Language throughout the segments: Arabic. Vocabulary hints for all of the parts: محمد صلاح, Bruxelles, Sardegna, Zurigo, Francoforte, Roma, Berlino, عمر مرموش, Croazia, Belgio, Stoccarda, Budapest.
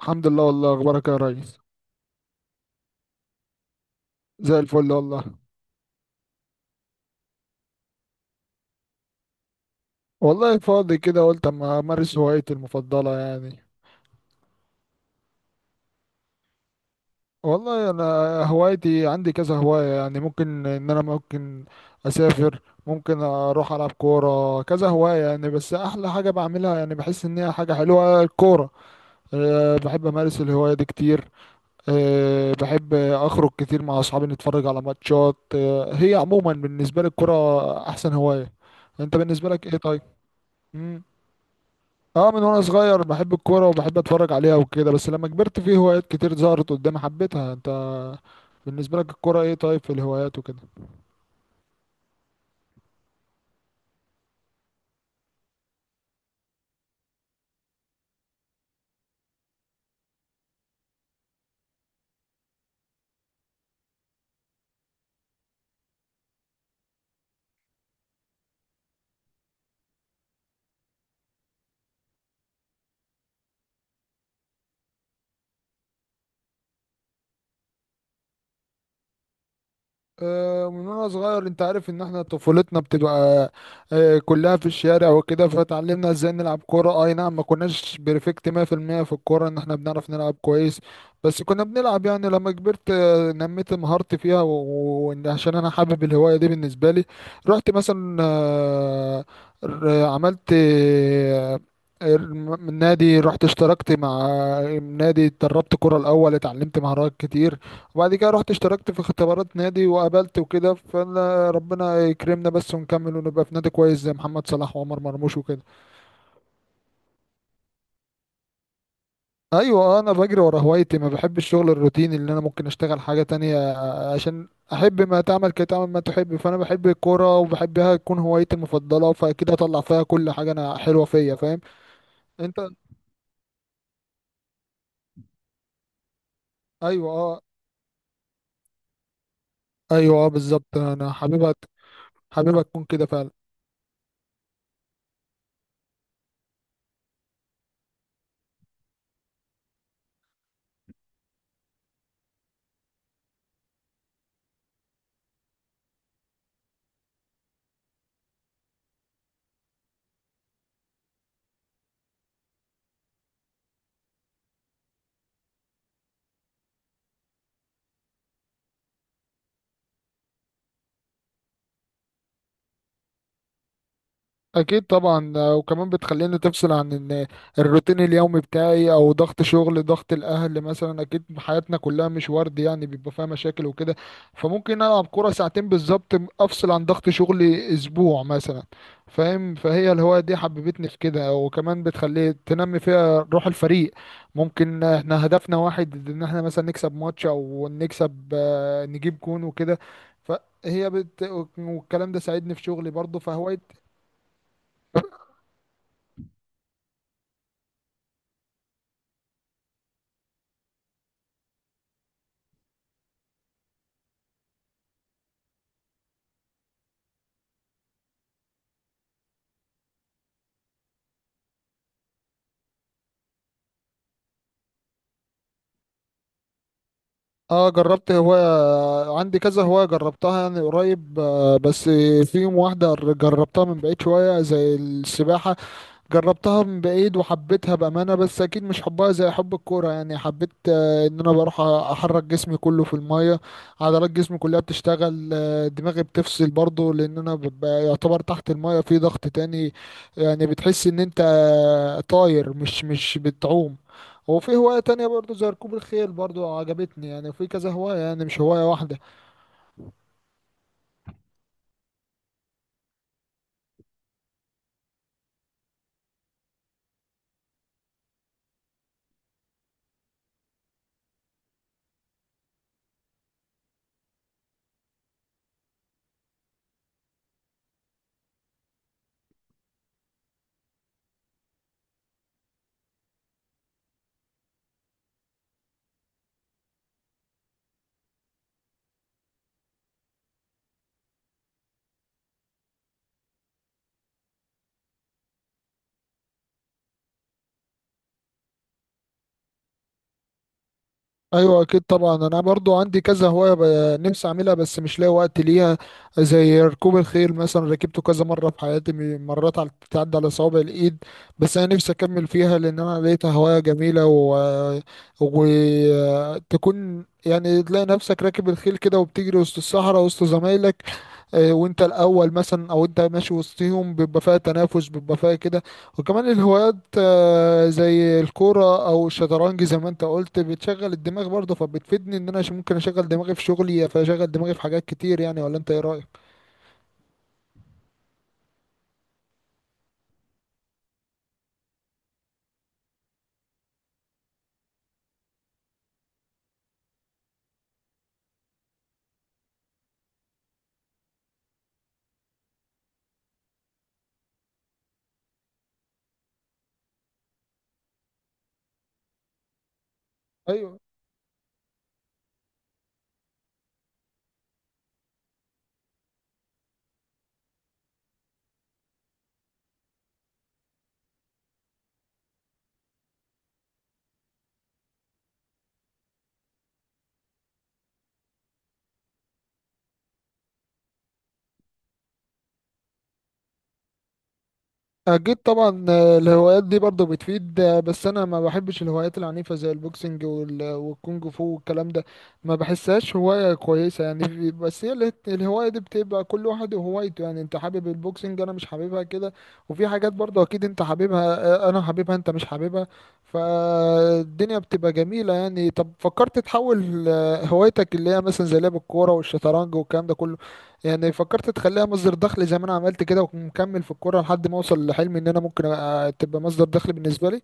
الحمد لله، والله اخبارك يا ريس. زي الفل والله. والله فاضي كده، قلت اما امارس هوايتي المفضله يعني. والله انا هوايتي عندي كذا هوايه، يعني ممكن ان انا ممكن اسافر، ممكن اروح العب كوره، كذا هوايه يعني، بس احلى حاجه بعملها، يعني بحس ان هي حاجه حلوه، الكوره. بحب امارس الهوايه دي كتير. بحب اخرج كتير مع اصحابي نتفرج على ماتشات. هي عموما بالنسبه لي الكوره احسن هوايه. انت بالنسبه لك ايه طيب؟ مم. اه، من وانا صغير بحب الكوره وبحب اتفرج عليها وكده، بس لما كبرت في هوايات كتير ظهرت قدامي حبيتها. انت بالنسبه لك الكوره ايه طيب، في الهوايات وكده؟ من وانا صغير انت عارف ان احنا طفولتنا بتبقى كلها في الشارع وكده، فتعلمنا ازاي نلعب كورة. اي نعم، ما كناش بيرفكت 100% في المية في الكورة، ان احنا بنعرف نلعب كويس، بس كنا بنلعب يعني. لما كبرت نميت مهارتي فيها، وعشان انا حابب الهواية دي بالنسبة لي رحت مثلا عملت من نادي، رحت اشتركت مع نادي، اتدربت كرة الأول، اتعلمت مهارات كتير. وبعد كده رحت اشتركت في اختبارات نادي وقابلت وكده، فانا ربنا يكرمنا بس ونكمل ونبقى في نادي كويس زي محمد صلاح وعمر مرموش وكده. ايوه. انا بجري ورا هوايتي، ما بحب الشغل الروتيني اللي انا ممكن اشتغل حاجة تانية. عشان احب ما تعمل كي تعمل ما تحب، فانا بحب الكورة وبحبها تكون هوايتي المفضلة، فاكيد هطلع فيها كل حاجة انا حلوة فيا، فاهم؟ انت ايوه اه، ايوه اه، بالظبط، انا حاببها. حاببها تكون كده فعلا. اكيد طبعا. وكمان بتخليني تفصل عن إن الروتين اليومي بتاعي او ضغط شغل، ضغط الاهل مثلا، اكيد حياتنا كلها مش ورد يعني، بيبقى فيها مشاكل وكده، فممكن العب كرة ساعتين بالظبط، افصل عن ضغط شغلي اسبوع مثلا. فاهم؟ فهي الهواية دي حببتني في كده، وكمان بتخلي تنمي فيها روح الفريق. ممكن احنا هدفنا واحد ان احنا مثلا نكسب ماتش، او نكسب نجيب جون وكده. فهي بت... والكلام ده ساعدني في شغلي برضه، فهواية. اه، جربت هواية، عندي كذا هواية جربتها يعني قريب. بس فيهم واحدة جربتها من بعيد شوية زي السباحة. جربتها من بعيد وحبيتها بأمانة، بس أكيد مش حبها زي حب الكورة. يعني حبيت إن أنا بروح أحرك جسمي كله في المية، عضلات جسمي كلها بتشتغل. دماغي بتفصل برضه لأن أنا ببقى يعتبر تحت المية في ضغط تاني. يعني بتحس إن أنت طاير، مش بتعوم. وفي هواية تانية برضه زي ركوب الخيل برضه، عجبتني يعني. في كذا هواية يعني، مش هواية واحدة. ايوه، اكيد طبعا، انا برضو عندي كذا هوايه نفسي اعملها بس مش لاقي وقت ليها. زي ركوب الخيل مثلا، ركبته كذا مره في حياتي، مرات على بتعدي على صوابع الايد. بس انا نفسي اكمل فيها لان انا لقيتها هوايه جميله، وتكون يعني تلاقي نفسك راكب الخيل كده وبتجري وسط الصحراء وسط زمايلك. وانت الاول مثلا، او انت ماشي وسطهم، بيبقى فيها تنافس، بيبقى فيها كده. وكمان الهوايات زي الكوره او الشطرنج زي ما انت قلت، بتشغل الدماغ برضه، فبتفيدني ان انا ممكن اشغل دماغي في شغلي، فاشغل دماغي في حاجات كتير يعني. ولا انت ايه رايك؟ ايوه اكيد طبعا. الهوايات دي برضه بتفيد. بس انا ما بحبش الهوايات العنيفه زي البوكسنج والكونج فو والكلام ده. ما بحسهاش هوايه كويسه يعني. بس هي الهوايه دي بتبقى كل واحد وهوايته، يعني انت حابب البوكسنج، انا مش حاببها كده. وفي حاجات برضه اكيد انت حاببها، انا حاببها انت مش حاببها. فالدنيا بتبقى جميله يعني. طب فكرت تحول هوايتك اللي هي مثلا زي لعب الكوره والشطرنج والكلام ده كله، يعني فكرت تخليها مصدر دخل زي ما انا عملت كده ومكمل في الكوره لحد ما اوصل لحلمي ان انا ممكن تبقى مصدر دخل بالنسبه لي؟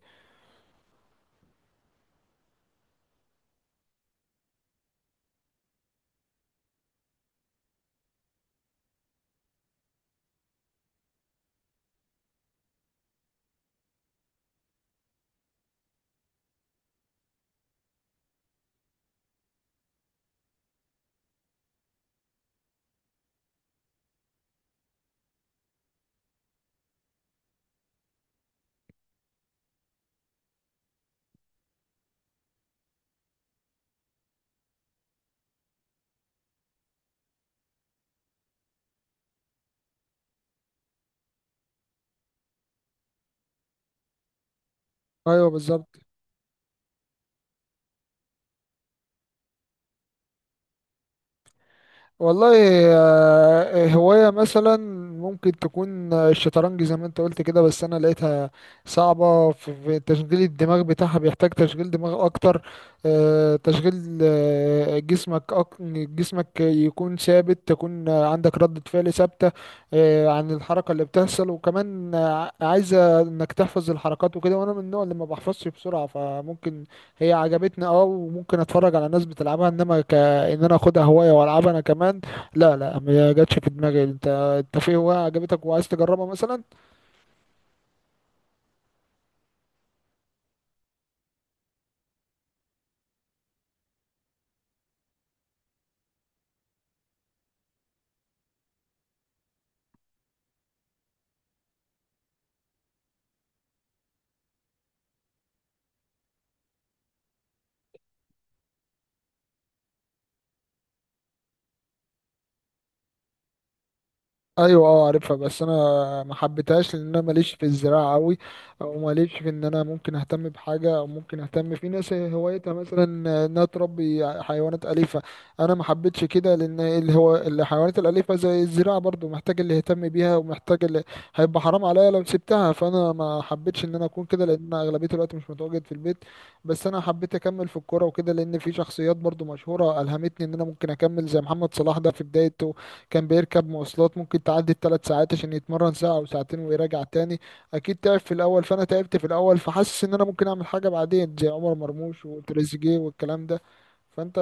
ايوه بالظبط. والله هواية مثلا ممكن تكون الشطرنج زي ما انت قلت كده، بس انا لقيتها صعبة في تشغيل الدماغ بتاعها، بيحتاج تشغيل دماغ اكتر. تشغيل جسمك جسمك يكون ثابت، تكون عندك ردة فعل ثابتة عن الحركة اللي بتحصل. وكمان عايزة انك تحفظ الحركات وكده، وانا من النوع اللي ما بحفظش بسرعة، فممكن هي عجبتني اه، وممكن اتفرج على ناس بتلعبها، انما ك آه ان انا اخدها هوايه والعبها انا كمان، لا. لا، ما جاتش في دماغي. انت في هوايه عجبتك وعايز تجربها مثلا؟ ايوه اه، عارفها، بس انا ما حبيتهاش لان انا ماليش في الزراعه قوي. او ماليش في ان انا ممكن اهتم بحاجه، او ممكن اهتم في ناس هوايتها مثلا انها تربي حيوانات اليفه. انا ما حبيتش كده، لان اللي هو الحيوانات الاليفه زي الزراعه برضو، محتاج اللي يهتم بيها ومحتاج اللي هيبقى حرام عليا لو سبتها، فانا ما حبيتش ان انا اكون كده لان انا اغلبيه الوقت مش متواجد في البيت. بس انا حبيت اكمل في الكوره وكده، لان في شخصيات برضو مشهوره الهمتني ان انا ممكن اكمل زي محمد صلاح. ده في بدايته كان بيركب مواصلات ممكن تعدي الـ 3 ساعات عشان يتمرن ساعة أو ساعتين ويراجع تاني. أكيد تعب في الأول، فأنا تعبت في الأول، فحاسس إن أنا ممكن أعمل حاجة بعدين زي عمر مرموش وتريزيجيه والكلام ده. فأنت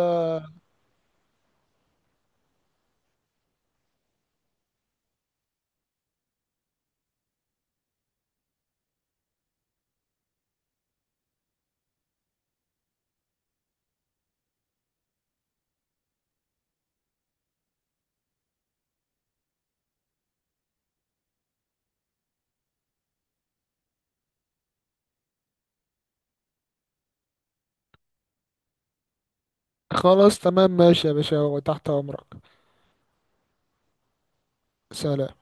خلاص تمام، ماشي يا باشا وتحت أمرك. سلام.